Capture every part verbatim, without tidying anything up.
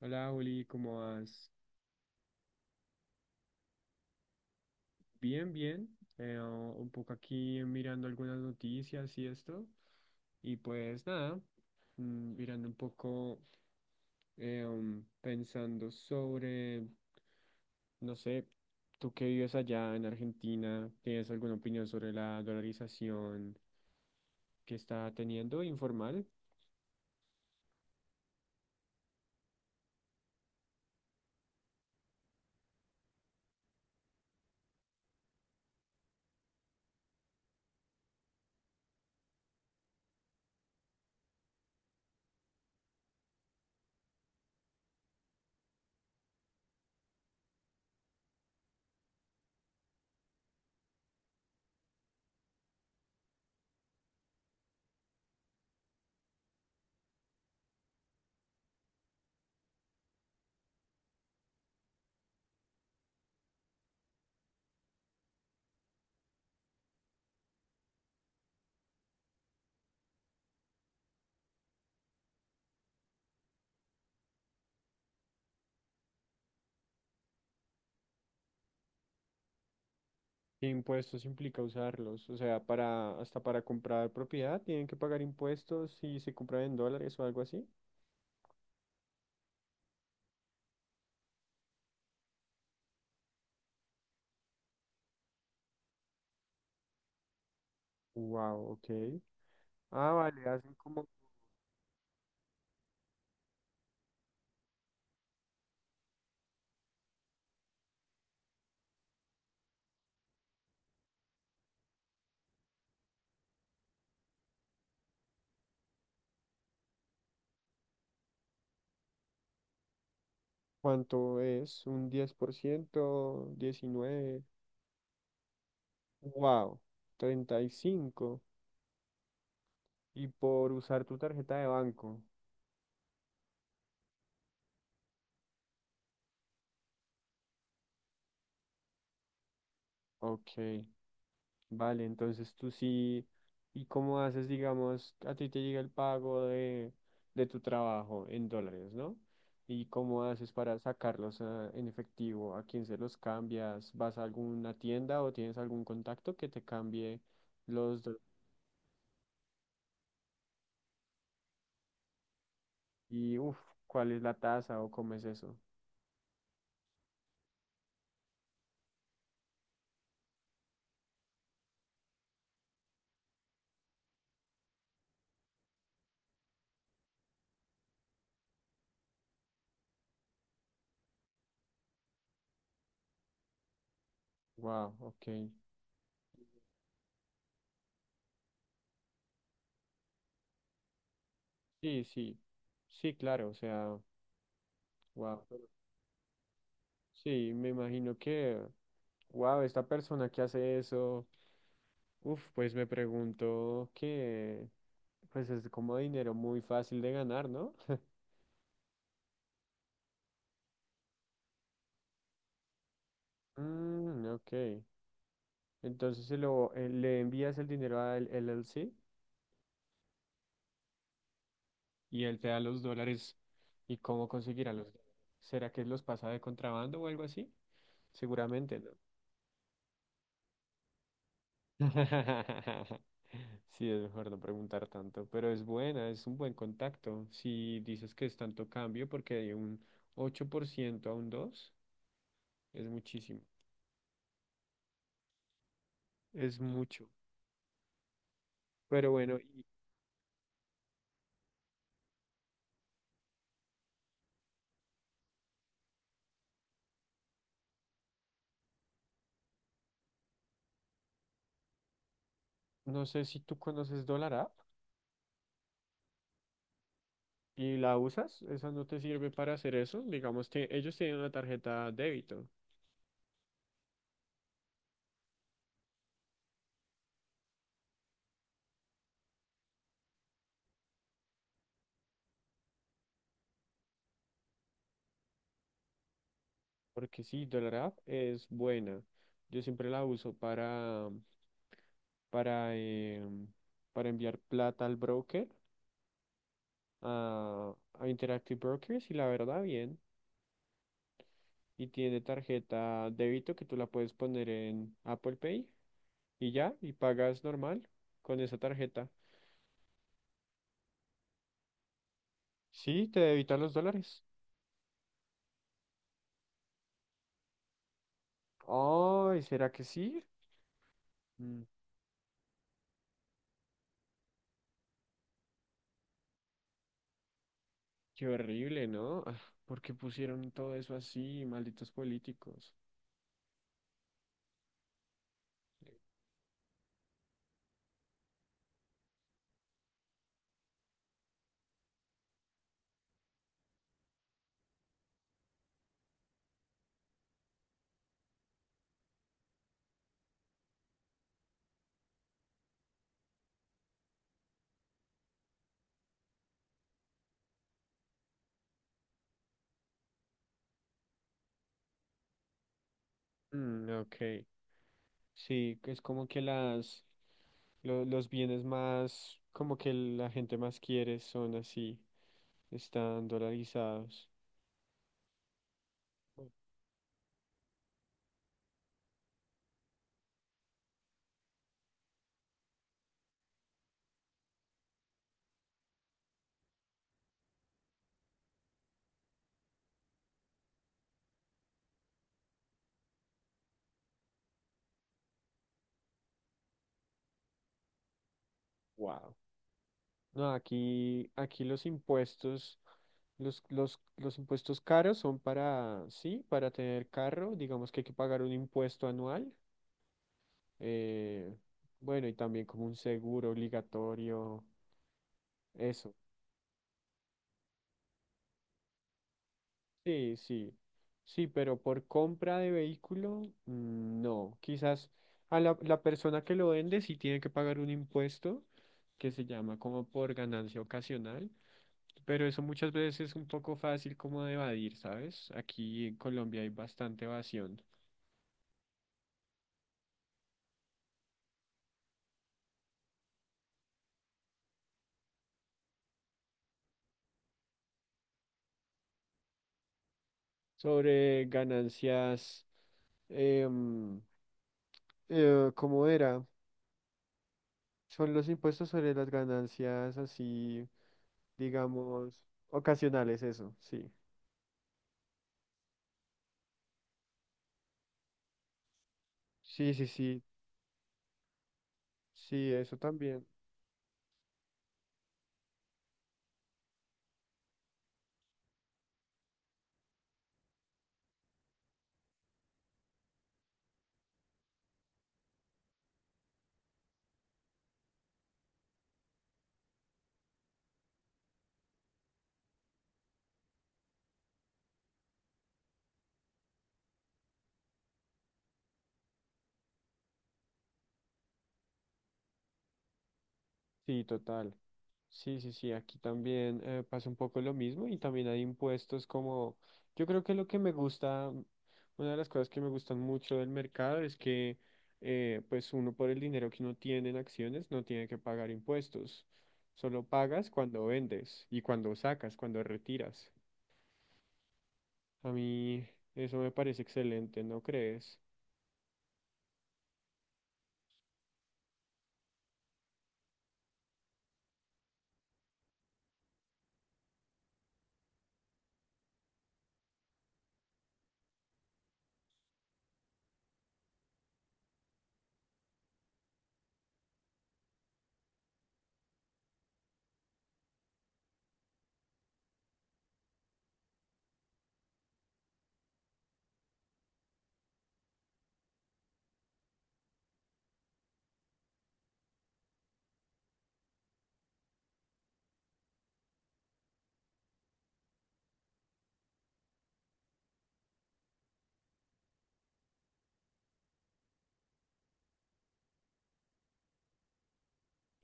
Hola, Juli, ¿cómo vas? Bien, bien. Eh, un poco aquí mirando algunas noticias y esto. Y pues nada, mm, mirando un poco, eh, um, pensando sobre, no sé, tú que vives allá en Argentina, ¿tienes alguna opinión sobre la dolarización que está teniendo informal? ¿Qué impuestos implica usarlos? O sea, para, hasta para comprar propiedad, ¿tienen que pagar impuestos si se compra en dólares o algo así? Wow, ok. Ah, vale, hacen como, ¿cuánto es? ¿Un diez por ciento? ¿Diecinueve? Wow, treinta y cinco. Y cinco. Y por usar tu tarjeta de banco. Ok, vale, entonces tú sí. ¿Y cómo haces, digamos, a ti te llega el pago de, de tu trabajo en dólares, ¿no? ¿Y cómo haces para sacarlos ah, en efectivo? ¿A quién se los cambias? ¿Vas a alguna tienda o tienes algún contacto que te cambie? Los dólares. Y, uff, ¿cuál es la tasa o cómo es eso? Wow, ok. Sí, sí. Sí, claro, o sea, wow. Sí, me imagino que, wow, esta persona que hace eso, uff, pues me pregunto que, pues es como dinero muy fácil de ganar, ¿no? Mm, ok. Entonces se lo, eh, le envías el dinero al L L C y él te da los dólares. ¿Y cómo conseguirá los dólares? ¿Será que los pasa de contrabando o algo así? Seguramente, ¿no? Sí, es mejor no preguntar tanto, pero es buena, es un buen contacto. Si dices que es tanto cambio, porque hay un ocho por ciento a un dos, es muchísimo, es mucho. Pero bueno, y no sé si tú conoces Dollar App y la usas, esa no te sirve para hacer eso. Digamos que ellos tienen una tarjeta débito, porque sí, Dollar App es buena. Yo siempre la uso para, para, em, para enviar plata al broker a, a Interactive Brokers y la verdad bien. Y tiene tarjeta débito que tú la puedes poner en Apple Pay y ya, y pagas normal con esa tarjeta. Sí, te debita los dólares. Ay, ¿será que sí? Mm, qué horrible, ¿no? Ah, ¿por qué pusieron todo eso así, malditos políticos? Mm, ok. Sí, que es como que las lo- los bienes más, como que la gente más quiere son así, están dolarizados. Wow. No, aquí, aquí los impuestos, los, los, los impuestos caros son para, sí, para tener carro, digamos que hay que pagar un impuesto anual, eh, bueno, y también como un seguro obligatorio, eso. Sí, sí, sí, pero por compra de vehículo, mm, no, quizás a la, la persona que lo vende sí tiene que pagar un impuesto que se llama como por ganancia ocasional. Pero eso muchas veces es un poco fácil como de evadir, ¿sabes? Aquí en Colombia hay bastante evasión sobre ganancias, em, eh, ¿cómo era? Son los impuestos sobre las ganancias así, digamos, ocasionales, eso, sí. Sí, sí, sí, sí, eso también. Sí, total. Sí, sí, sí, aquí también eh, pasa un poco lo mismo y también hay impuestos como, yo creo que lo que me gusta, una de las cosas que me gustan mucho del mercado es que eh, pues uno por el dinero que uno tiene en acciones no tiene que pagar impuestos, solo pagas cuando vendes y cuando sacas, cuando retiras. A mí eso me parece excelente, ¿no crees?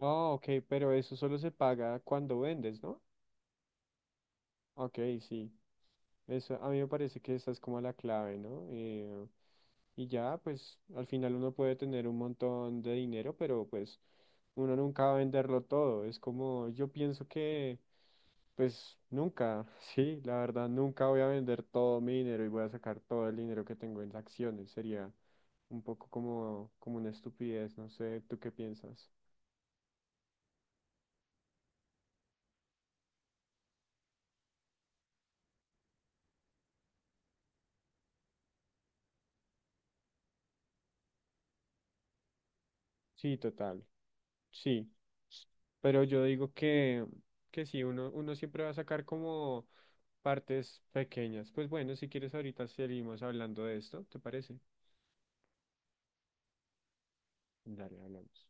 Ah, ok, pero eso solo se paga cuando vendes, ¿no? Ok, sí. Eso, a mí me parece que esa es como la clave, ¿no? Eh, y ya, pues al final uno puede tener un montón de dinero, pero pues uno nunca va a venderlo todo. Es como, yo pienso que, pues nunca, sí, la verdad, nunca voy a vender todo mi dinero y voy a sacar todo el dinero que tengo en acciones. Sería un poco como, como una estupidez, no sé, ¿tú qué piensas? Sí, total, sí. Pero yo digo que, que, sí, uno, uno siempre va a sacar como partes pequeñas. Pues bueno, si quieres ahorita seguimos hablando de esto, ¿te parece? Dale, hablamos.